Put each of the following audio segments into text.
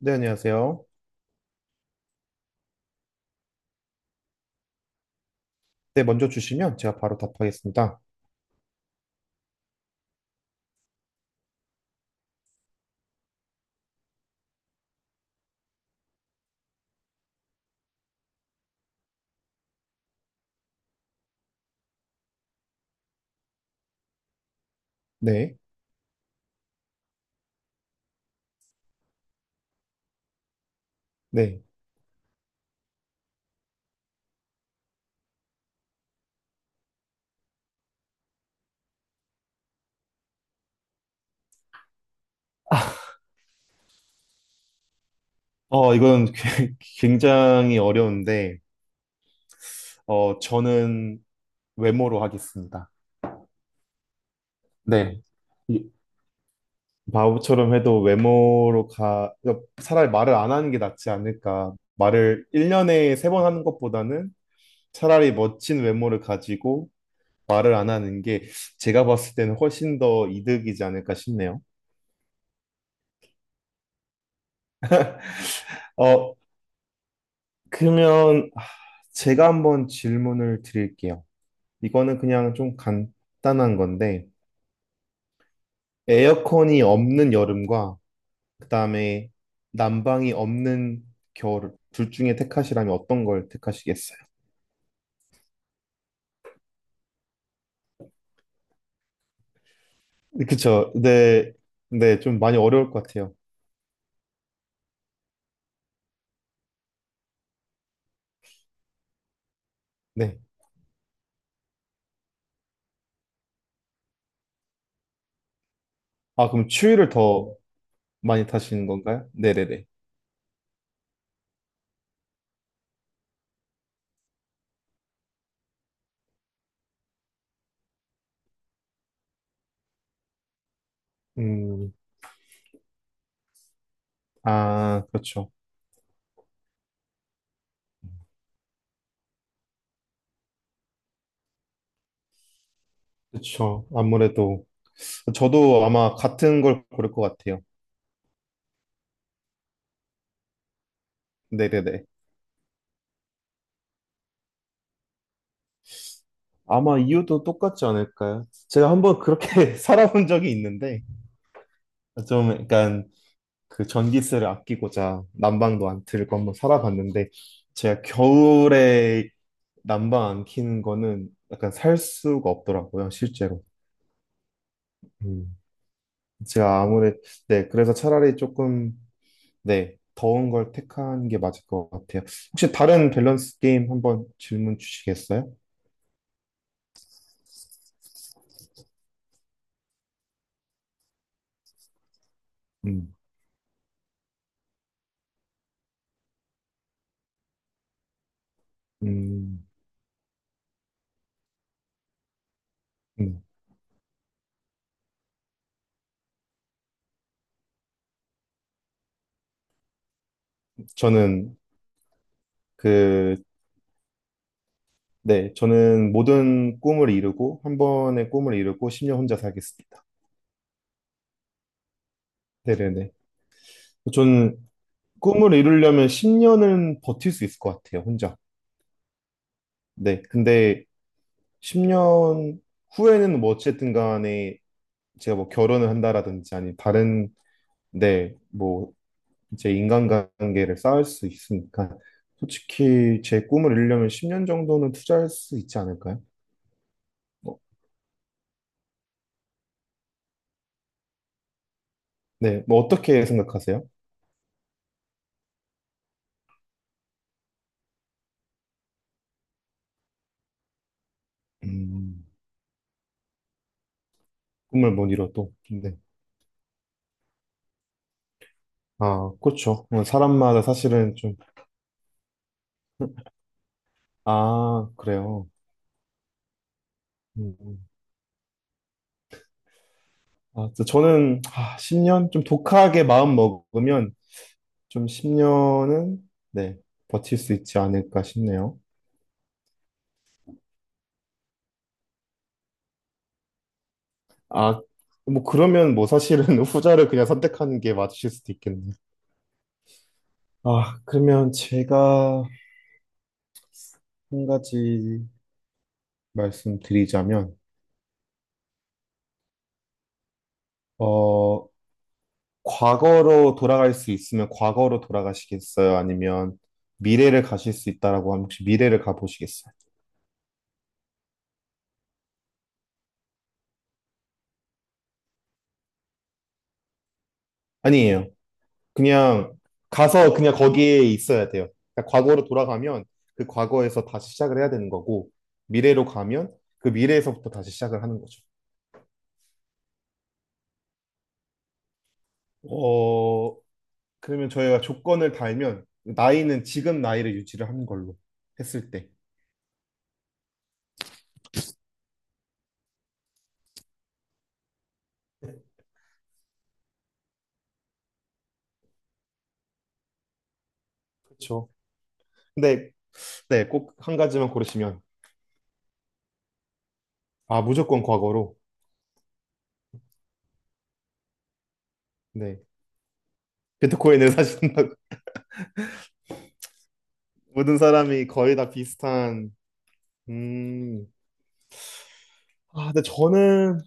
네, 안녕하세요. 네, 먼저 주시면 제가 바로 답하겠습니다. 네, 네. 이건 굉장히 어려운데, 저는 외모로 하겠습니다. 네. 이 바보처럼 해도 외모로 가, 그러니까 차라리 말을 안 하는 게 낫지 않을까. 말을 1년에 3번 하는 것보다는 차라리 멋진 외모를 가지고 말을 안 하는 게 제가 봤을 때는 훨씬 더 이득이지 않을까 싶네요. 어, 그러면 제가 한번 질문을 드릴게요. 이거는 그냥 좀 간단한 건데, 에어컨이 없는 여름과, 그 다음에 난방이 없는 겨울, 둘 중에 택하시라면 어떤 걸 택하시겠어요? 그쵸. 네, 네, 좀 많이 어려울 것 같아요. 네. 아, 그럼 추위를 더 많이 타시는 건가요? 네네네. 음, 아, 그렇죠. 그렇죠. 아무래도 저도 아마 같은 걸 고를 것 같아요. 네네네. 아마 이유도 똑같지 않을까요? 제가 한번 그렇게 살아본 적이 있는데 좀 약간 그 전기세를 아끼고자 난방도 안 틀고 한번 살아봤는데 제가 겨울에 난방 안 켜는 거는 약간 살 수가 없더라고요, 실제로. 음. 제가 아무래도 네, 그래서 차라리 조금 네, 더운 걸 택한 게 맞을 것 같아요. 혹시 다른 밸런스 게임 한번 질문 주시겠어요? 음. 음. 음. 저는 그 네, 저는 모든 꿈을 이루고 한 번의 꿈을 이루고 10년 혼자 살겠습니다. 네네네. 저는 꿈을 이루려면 10년은 버틸 수 있을 것 같아요, 혼자. 네, 근데 10년 후에는 뭐 어쨌든 간에 제가 뭐 결혼을 한다라든지 아니 다른 네, 뭐 이제 인간관계를 쌓을 수 있으니까 솔직히 제 꿈을 이루려면 10년 정도는 투자할 수 있지 않을까요? 뭐, 네, 뭐 어떻게 생각하세요? 음, 꿈을 못 이뤄도. 네. 아, 그렇죠. 뭐 사람마다 사실은 좀, 아, 그래요. 음. 음. 아, 저는, 아, 10년? 좀 독하게 마음 먹으면 좀 10년은, 네, 버틸 수 있지 않을까 싶네요. 아, 뭐, 그러면 뭐 사실은 후자를 그냥 선택하는 게 맞으실 수도 있겠네요. 아, 그러면 제가 한 가지 말씀드리자면, 어, 과거로 돌아갈 수 있으면 과거로 돌아가시겠어요? 아니면 미래를 가실 수 있다라고 하면 혹시 미래를 가보시겠어요? 아니에요. 그냥 가서 그냥 거기에 있어야 돼요. 그러니까 과거로 돌아가면 그 과거에서 다시 시작을 해야 되는 거고 미래로 가면 그 미래에서부터 다시 시작을 하는 거죠. 어, 그러면 저희가 조건을 달면 나이는 지금 나이를 유지를 하는 걸로 했을 때. 그렇죠. 근데 네, 꼭 한 가지만 고르시면 아, 무조건 과거로. 네. 비트코인을 사신다고 모든 사람이 거의 다 비슷한 음. 아, 근데 저는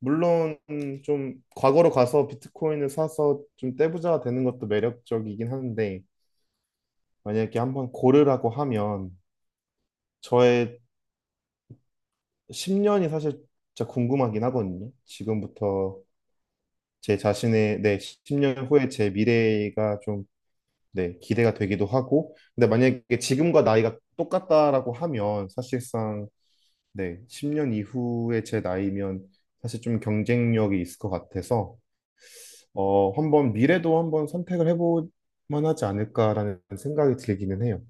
물론 좀 과거로 가서 비트코인을 사서 좀 떼부자가 되는 것도 매력적이긴 한데 만약에 한번 고르라고 하면 저의 10년이 사실 진짜 궁금하긴 하거든요. 지금부터 제 자신의 네, 10년 후에 제 미래가 좀 네, 기대가 되기도 하고 근데 만약에 지금과 나이가 똑같다라고 하면 사실상 네, 10년 이후에 제 나이면 사실 좀 경쟁력이 있을 것 같아서 한번 미래도 한번 선택을 해볼 만하지 않을까라는 생각이 들기는 해요.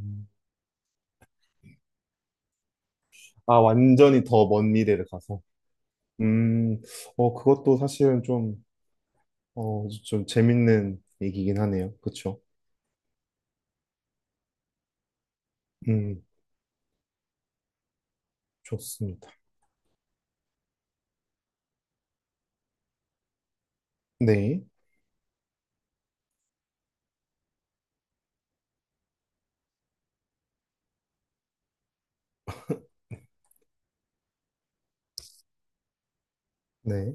음. 아, 완전히 더 먼 미래를 가서. 음, 그것도 사실은 좀, 좀 재밌는 얘기긴 하네요. 그쵸? 음, 좋습니다. 네, 네.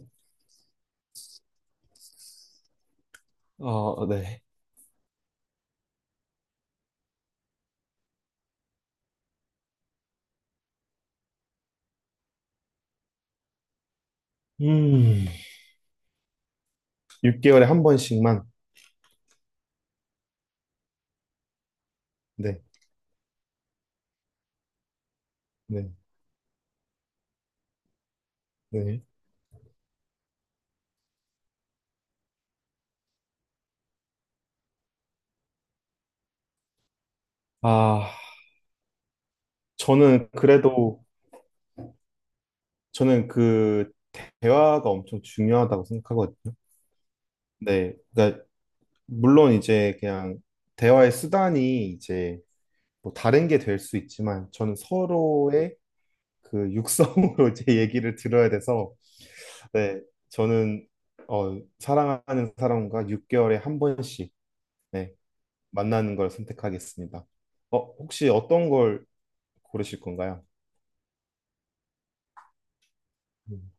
어, 네. 음, 6개월에 한 번씩만. 네, 네, 네. 아, 저는 그래도 저는 그 대화가 엄청 중요하다고 생각하거든요. 네. 그러니까 물론 이제 그냥 대화의 수단이 이제 뭐 다른 게 될 수 있지만 저는 서로의 그 육성으로 이제 얘기를 들어야 돼서 네. 저는 사랑하는 사람과 6개월에 한 번씩 네, 만나는 걸 선택하겠습니다. 혹시 어떤 걸 고르실 건가요? 음.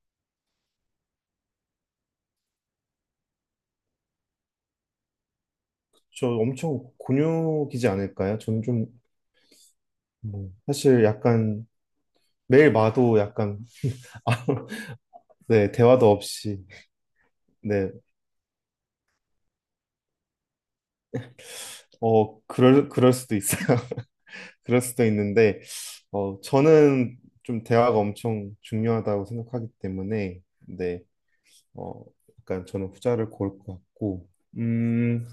저 엄청 곤욕이지 않을까요? 저는 좀 뭐, 사실 약간 매일 마도 약간 아, 네, 대화도 없이. 네. 어, 그럴 수도 있어요. 그럴 수도 있는데 저는 좀 대화가 엄청 중요하다고 생각하기 때문에 네. 어, 약간 저는 후자를 고를 것 같고. 음.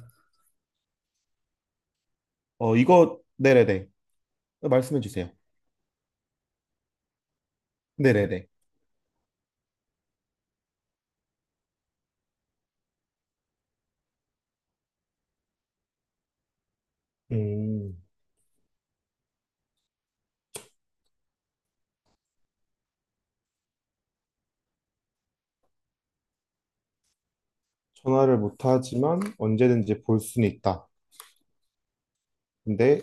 어, 이거 네네네. 말씀해 주세요. 네네네. 음. 전화를 못 하지만 언제든지 볼 수는 있다. 근데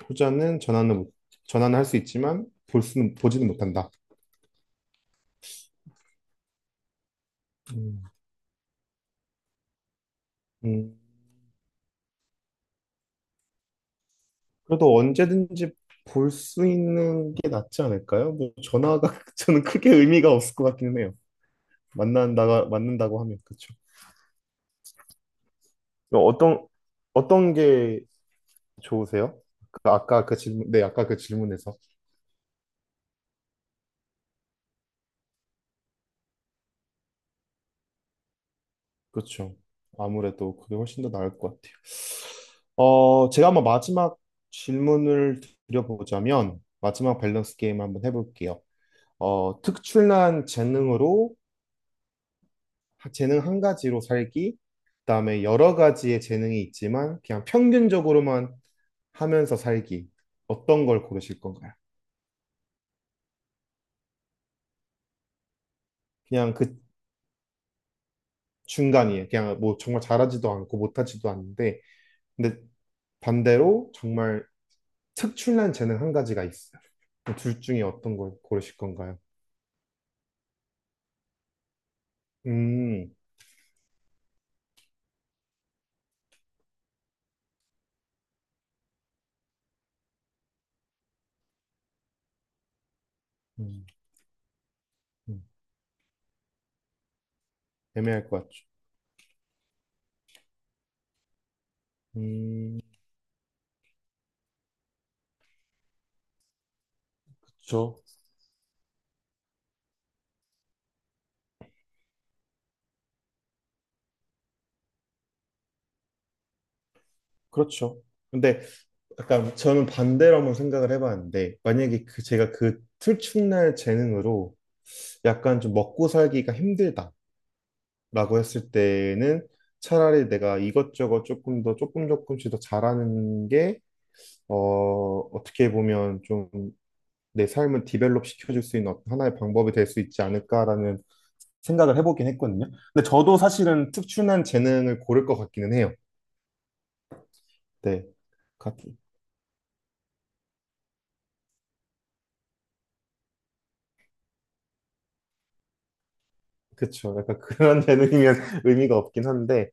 후자는 전화는 못- 전화는 할 수 있지만 볼 수는 보지는 못한다. 음. 음. 그래도 언제든지 볼 수 있는 게 낫지 않을까요? 뭐 전화가 저는 크게 의미가 없을 것 같기는 해요. 만난다가 만난다고 하면 그렇죠. 어떤 어떤 게 좋으세요? 아까 그 질문에서 그렇죠. 아무래도 그게 훨씬 더 나을 것 같아요. 제가 한번 마지막 질문을 드려보자면 마지막 밸런스 게임 한번 해볼게요. 특출난 재능으로 재능 한 가지로 살기, 그다음에 여러 가지의 재능이 있지만 그냥 평균적으로만 하면서 살기. 어떤 걸 고르실 건가요? 그냥 그 중간이에요. 그냥 뭐 정말 잘하지도 않고 못하지도 않는데, 근데 반대로 정말 특출난 재능 한 가지가 있어요. 둘 중에 어떤 걸 고르실 건가요? 음, 음, 음. 애매할 것 같죠. 음, 그쵸. 그렇죠. 근데 약간 저는 반대로 한번 생각을 해봤는데 만약에 그 제가 그 출첵날 재능으로 약간 좀 먹고 살기가 힘들다라고 했을 때는 차라리 내가 이것저것 조금 조금씩 더 잘하는 게 어, 어떻게 보면 좀 내 삶을 디벨롭 시켜줄 수 있는 어떤 하나의 방법이 될 수 있지 않을까라는 생각을 해보긴 했거든요. 근데 저도 사실은 특출난 재능을 고를 것 같기는 해요. 네. 그쵸. 약간 그런 재능이면 의미가 없긴 한데,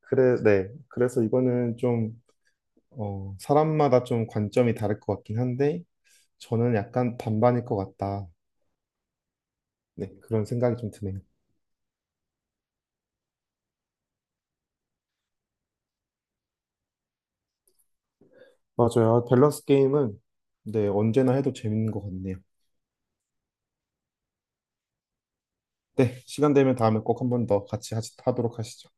그래, 네. 그래서 이거는 좀, 사람마다 좀 관점이 다를 것 같긴 한데, 저는 약간 반반일 것 같다. 네, 그런 생각이 좀 드네요. 맞아요. 밸런스 게임은, 네, 언제나 해도 재밌는 것 같네요. 네, 시간 되면 다음에 꼭 한번 더 같이 하도록 하시죠.